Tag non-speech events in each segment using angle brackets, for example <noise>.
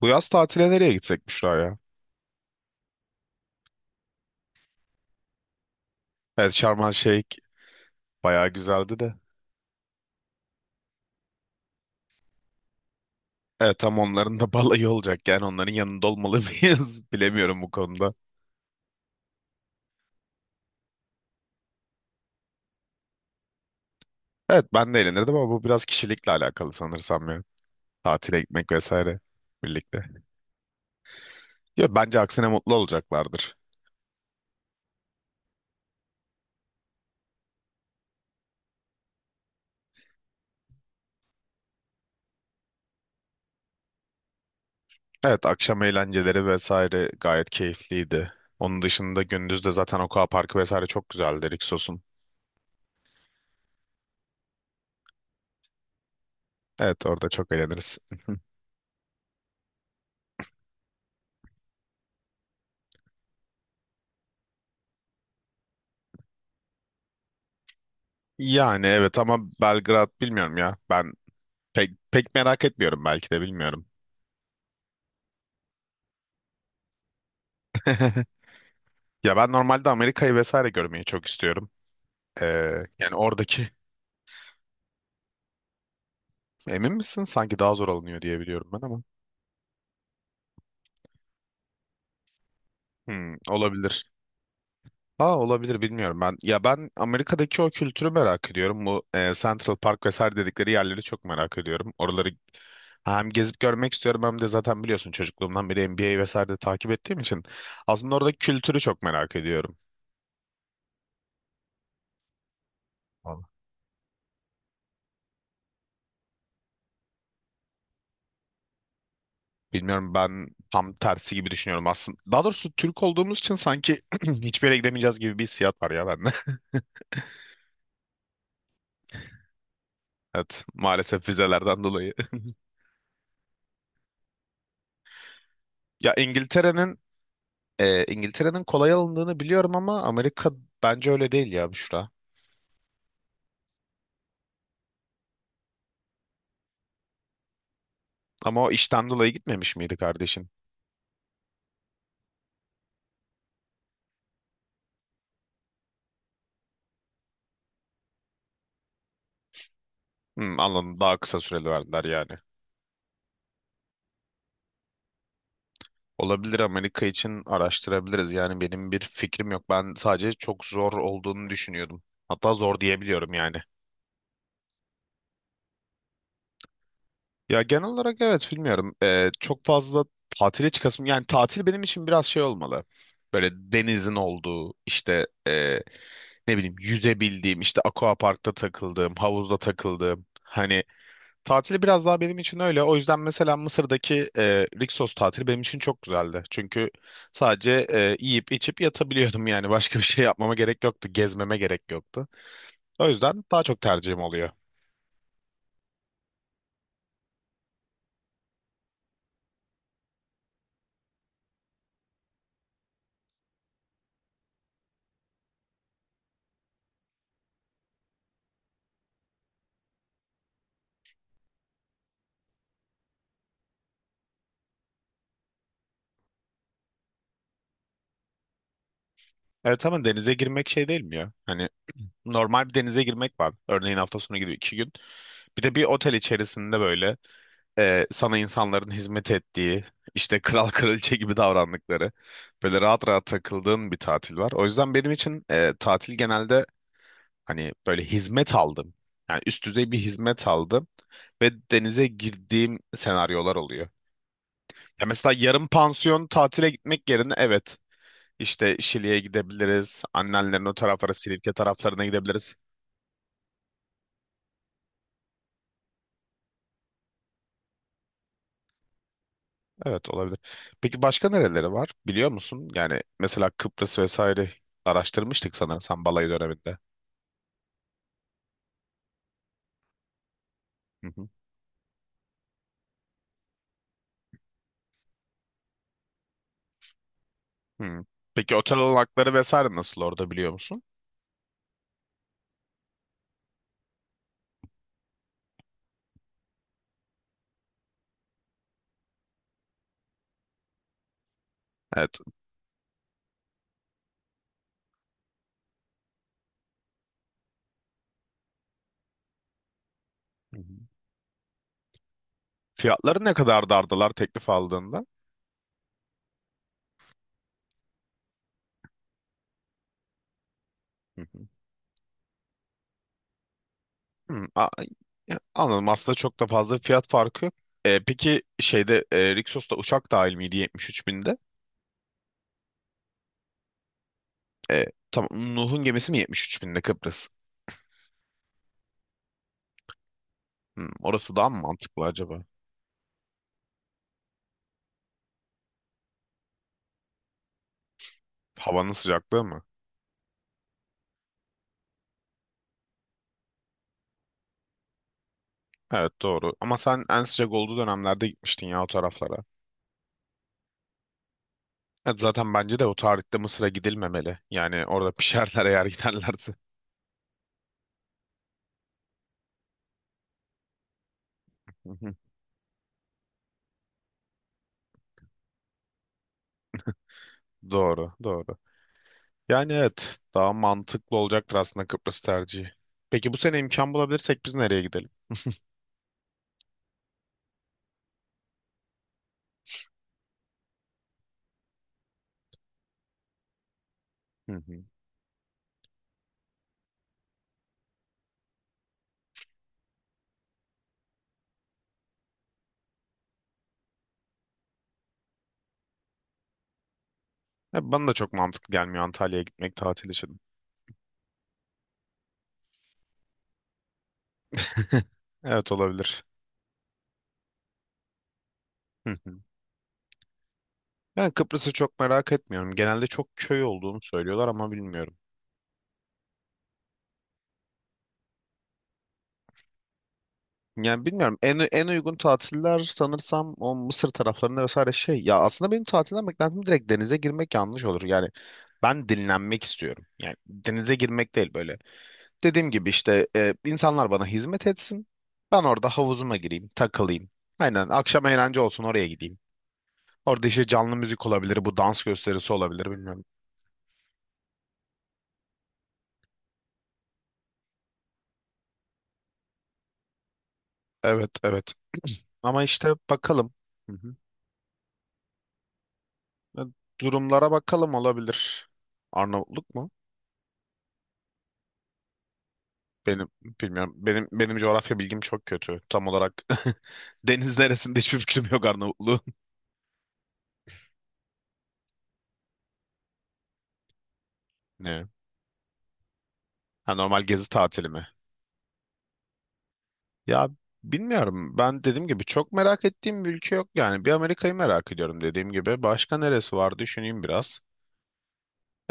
Bu yaz tatile nereye gitsek Büşra ya? Evet, Şarm El Şeyh bayağı güzeldi de. Evet, tam onların da <laughs> balayı olacak, yani onların yanında olmalı mıyız? <laughs> Bilemiyorum bu konuda. Evet, ben de eğlenirdim ama bu biraz kişilikle alakalı sanırsam ya. Tatile gitmek vesaire birlikte. Yo, bence aksine mutlu olacaklardır. Evet, akşam eğlenceleri vesaire gayet keyifliydi. Onun dışında gündüz de zaten Aqua Parkı vesaire çok güzeldi Rixos'un. Evet, orada çok eğleniriz. <laughs> Yani evet ama Belgrad bilmiyorum ya. Ben pek merak etmiyorum, belki de bilmiyorum. <laughs> Ya ben normalde Amerika'yı vesaire görmeyi çok istiyorum. Ee, yani oradaki emin misin? Sanki daha zor alınıyor diye biliyorum ben ama. Hmm, olabilir. Aa, olabilir, bilmiyorum ben. Ya ben Amerika'daki o kültürü merak ediyorum. Bu Central Park vesaire dedikleri yerleri çok merak ediyorum. Oraları hem gezip görmek istiyorum hem de zaten biliyorsun çocukluğumdan beri NBA vesaire de takip ettiğim için aslında oradaki kültürü çok merak ediyorum. Bilmiyorum, ben tam tersi gibi düşünüyorum aslında. Daha doğrusu Türk olduğumuz için sanki <clears throat> hiçbir yere gidemeyeceğiz gibi bir hissiyat var ya bende. <laughs> Evet, maalesef vizelerden dolayı. <laughs> Ya İngiltere'nin kolay alındığını biliyorum ama Amerika bence öyle değil ya Büşra. Ama o işten dolayı gitmemiş miydi kardeşin? Hmm, anladım, daha kısa süreli verdiler yani. Olabilir, Amerika için araştırabiliriz. Yani benim bir fikrim yok. Ben sadece çok zor olduğunu düşünüyordum. Hatta zor diyebiliyorum yani. Ya genel olarak evet bilmiyorum. Çok fazla tatile çıkasım. Yani tatil benim için biraz şey olmalı. Böyle denizin olduğu işte ne bileyim yüzebildiğim, işte aquaparkta takıldığım, havuzda takıldığım. Hani tatili biraz daha benim için öyle. O yüzden mesela Mısır'daki Rixos tatili benim için çok güzeldi. Çünkü sadece yiyip içip yatabiliyordum, yani başka bir şey yapmama gerek yoktu. Gezmeme gerek yoktu. O yüzden daha çok tercihim oluyor. Evet ama denize girmek şey değil mi ya? Hani normal bir denize girmek var. Örneğin hafta sonu gidiyor iki gün. Bir de bir otel içerisinde böyle sana insanların hizmet ettiği, işte kral <laughs> kraliçe gibi davrandıkları, böyle rahat rahat takıldığın bir tatil var. O yüzden benim için tatil genelde hani böyle hizmet aldım. Yani üst düzey bir hizmet aldım ve denize girdiğim senaryolar oluyor. Ya mesela yarım pansiyon tatile gitmek yerine evet, işte Şili'ye gidebiliriz. Annenlerin o taraflara, Silivke taraflarına gidebiliriz. Evet, olabilir. Peki başka nereleri var, biliyor musun? Yani mesela Kıbrıs vesaire araştırmıştık sanırsam balayı döneminde. Hı hı. Hı. Peki otel olanakları vesaire nasıl orada, biliyor musun? Evet. Hı hı. Fiyatları ne kadar dardılar teklif aldığında? Hı hı. Hmm, ya, anladım. Aslında çok da fazla fiyat farkı yok. Peki şeyde Rixos'ta uçak dahil miydi 73 binde? E, tamam. Nuh'un gemisi mi 73 binde Kıbrıs? Hmm, orası daha mı mantıklı acaba? Havanın sıcaklığı mı? Evet, doğru. Ama sen en sıcak olduğu dönemlerde gitmiştin ya o taraflara. Evet, zaten bence de o tarihte Mısır'a gidilmemeli. Yani orada <laughs> pişerler eğer giderlerse. Hı hı, doğru, doğru. Yani evet, daha mantıklı olacaktır aslında Kıbrıs tercihi. Peki bu sene imkan bulabilirsek biz nereye gidelim? Hı hı. Ya bana da çok mantıklı gelmiyor Antalya'ya gitmek tatil için. <laughs> Evet, olabilir. Hı hı. Ben Kıbrıs'ı çok merak etmiyorum. Genelde çok köy olduğunu söylüyorlar ama bilmiyorum. Yani bilmiyorum. En uygun tatiller sanırsam o Mısır taraflarında vesaire şey. Ya aslında benim tatilden beklentim direkt denize girmek yanlış olur. Yani ben dinlenmek istiyorum. Yani denize girmek değil böyle. Dediğim gibi işte insanlar bana hizmet etsin. Ben orada havuzuma gireyim, takılayım. Aynen, akşam eğlence olsun, oraya gideyim. Orada işte canlı müzik olabilir, bu dans gösterisi olabilir, bilmiyorum. Evet, evet. Ama işte bakalım. Hı hı. E, Durumlara bakalım, olabilir. Arnavutluk mu? Benim bilmiyorum. Benim coğrafya bilgim çok kötü. Tam olarak <laughs> deniz neresinde hiçbir fikrim yok Arnavutluğun. <laughs> Ne? Ha, normal gezi tatili mi? Ya bilmiyorum. Ben dediğim gibi çok merak ettiğim bir ülke yok yani. Bir Amerika'yı merak ediyorum dediğim gibi. Başka neresi var, düşüneyim biraz.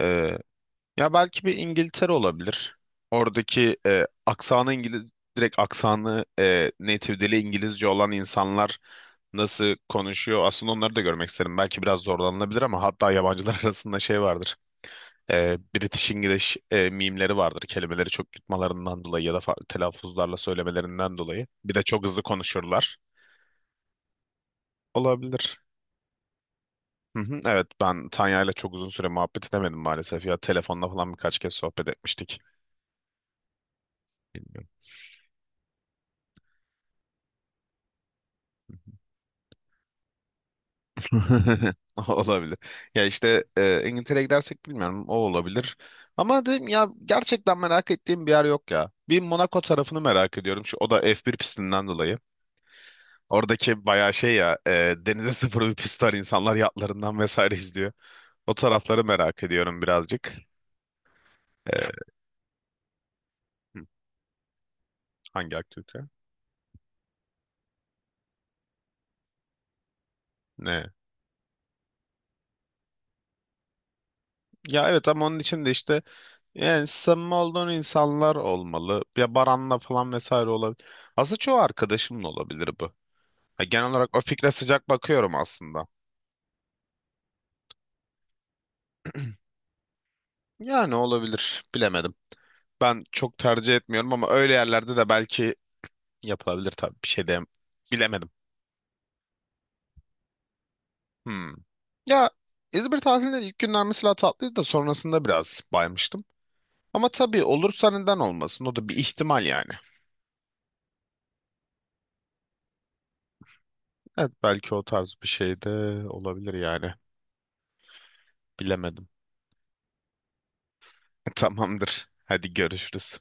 Ee, Ya belki bir İngiltere olabilir. Oradaki aksanı İngiliz direkt aksanı, native dili İngilizce olan insanlar nasıl konuşuyor? Aslında onları da görmek isterim. Belki biraz zorlanılabilir ama hatta yabancılar <laughs> arasında şey vardır. British English mimleri vardır. Kelimeleri çok yutmalarından dolayı ya da farklı telaffuzlarla söylemelerinden dolayı. Bir de çok hızlı konuşurlar. Olabilir. Hı hı, evet, ben Tanya'yla çok uzun süre muhabbet edemedim maalesef. Ya telefonla falan birkaç kez sohbet etmiştik. Bilmiyorum. <laughs> Olabilir. Ya işte İngiltere'ye gidersek bilmiyorum, o olabilir. Ama dedim ya, gerçekten merak ettiğim bir yer yok ya. Bir Monaco tarafını merak ediyorum. Şu, o da F1 pistinden dolayı. Oradaki bayağı şey ya, denize <laughs> sıfır bir pist var. İnsanlar yatlarından vesaire izliyor. O tarafları merak ediyorum birazcık. E, hı, hangi aktivite? Ne? Ya evet, ama onun için de işte yani samimi olduğun insanlar olmalı. Ya Baran'la falan vesaire olabilir. Aslında çoğu arkadaşımla olabilir. Ya genel olarak o fikre sıcak bakıyorum aslında. Yani olabilir. Bilemedim. Ben çok tercih etmiyorum ama öyle yerlerde de belki yapılabilir tabii. Bir şey de bilemedim. Hmm. Ya İzmir tatilinin ilk günler mesela tatlıydı da sonrasında biraz baymıştım. Ama tabii olursa neden olmasın? O da bir ihtimal yani. Evet, belki o tarz bir şey de olabilir yani. Bilemedim. <laughs> Tamamdır. Hadi görüşürüz.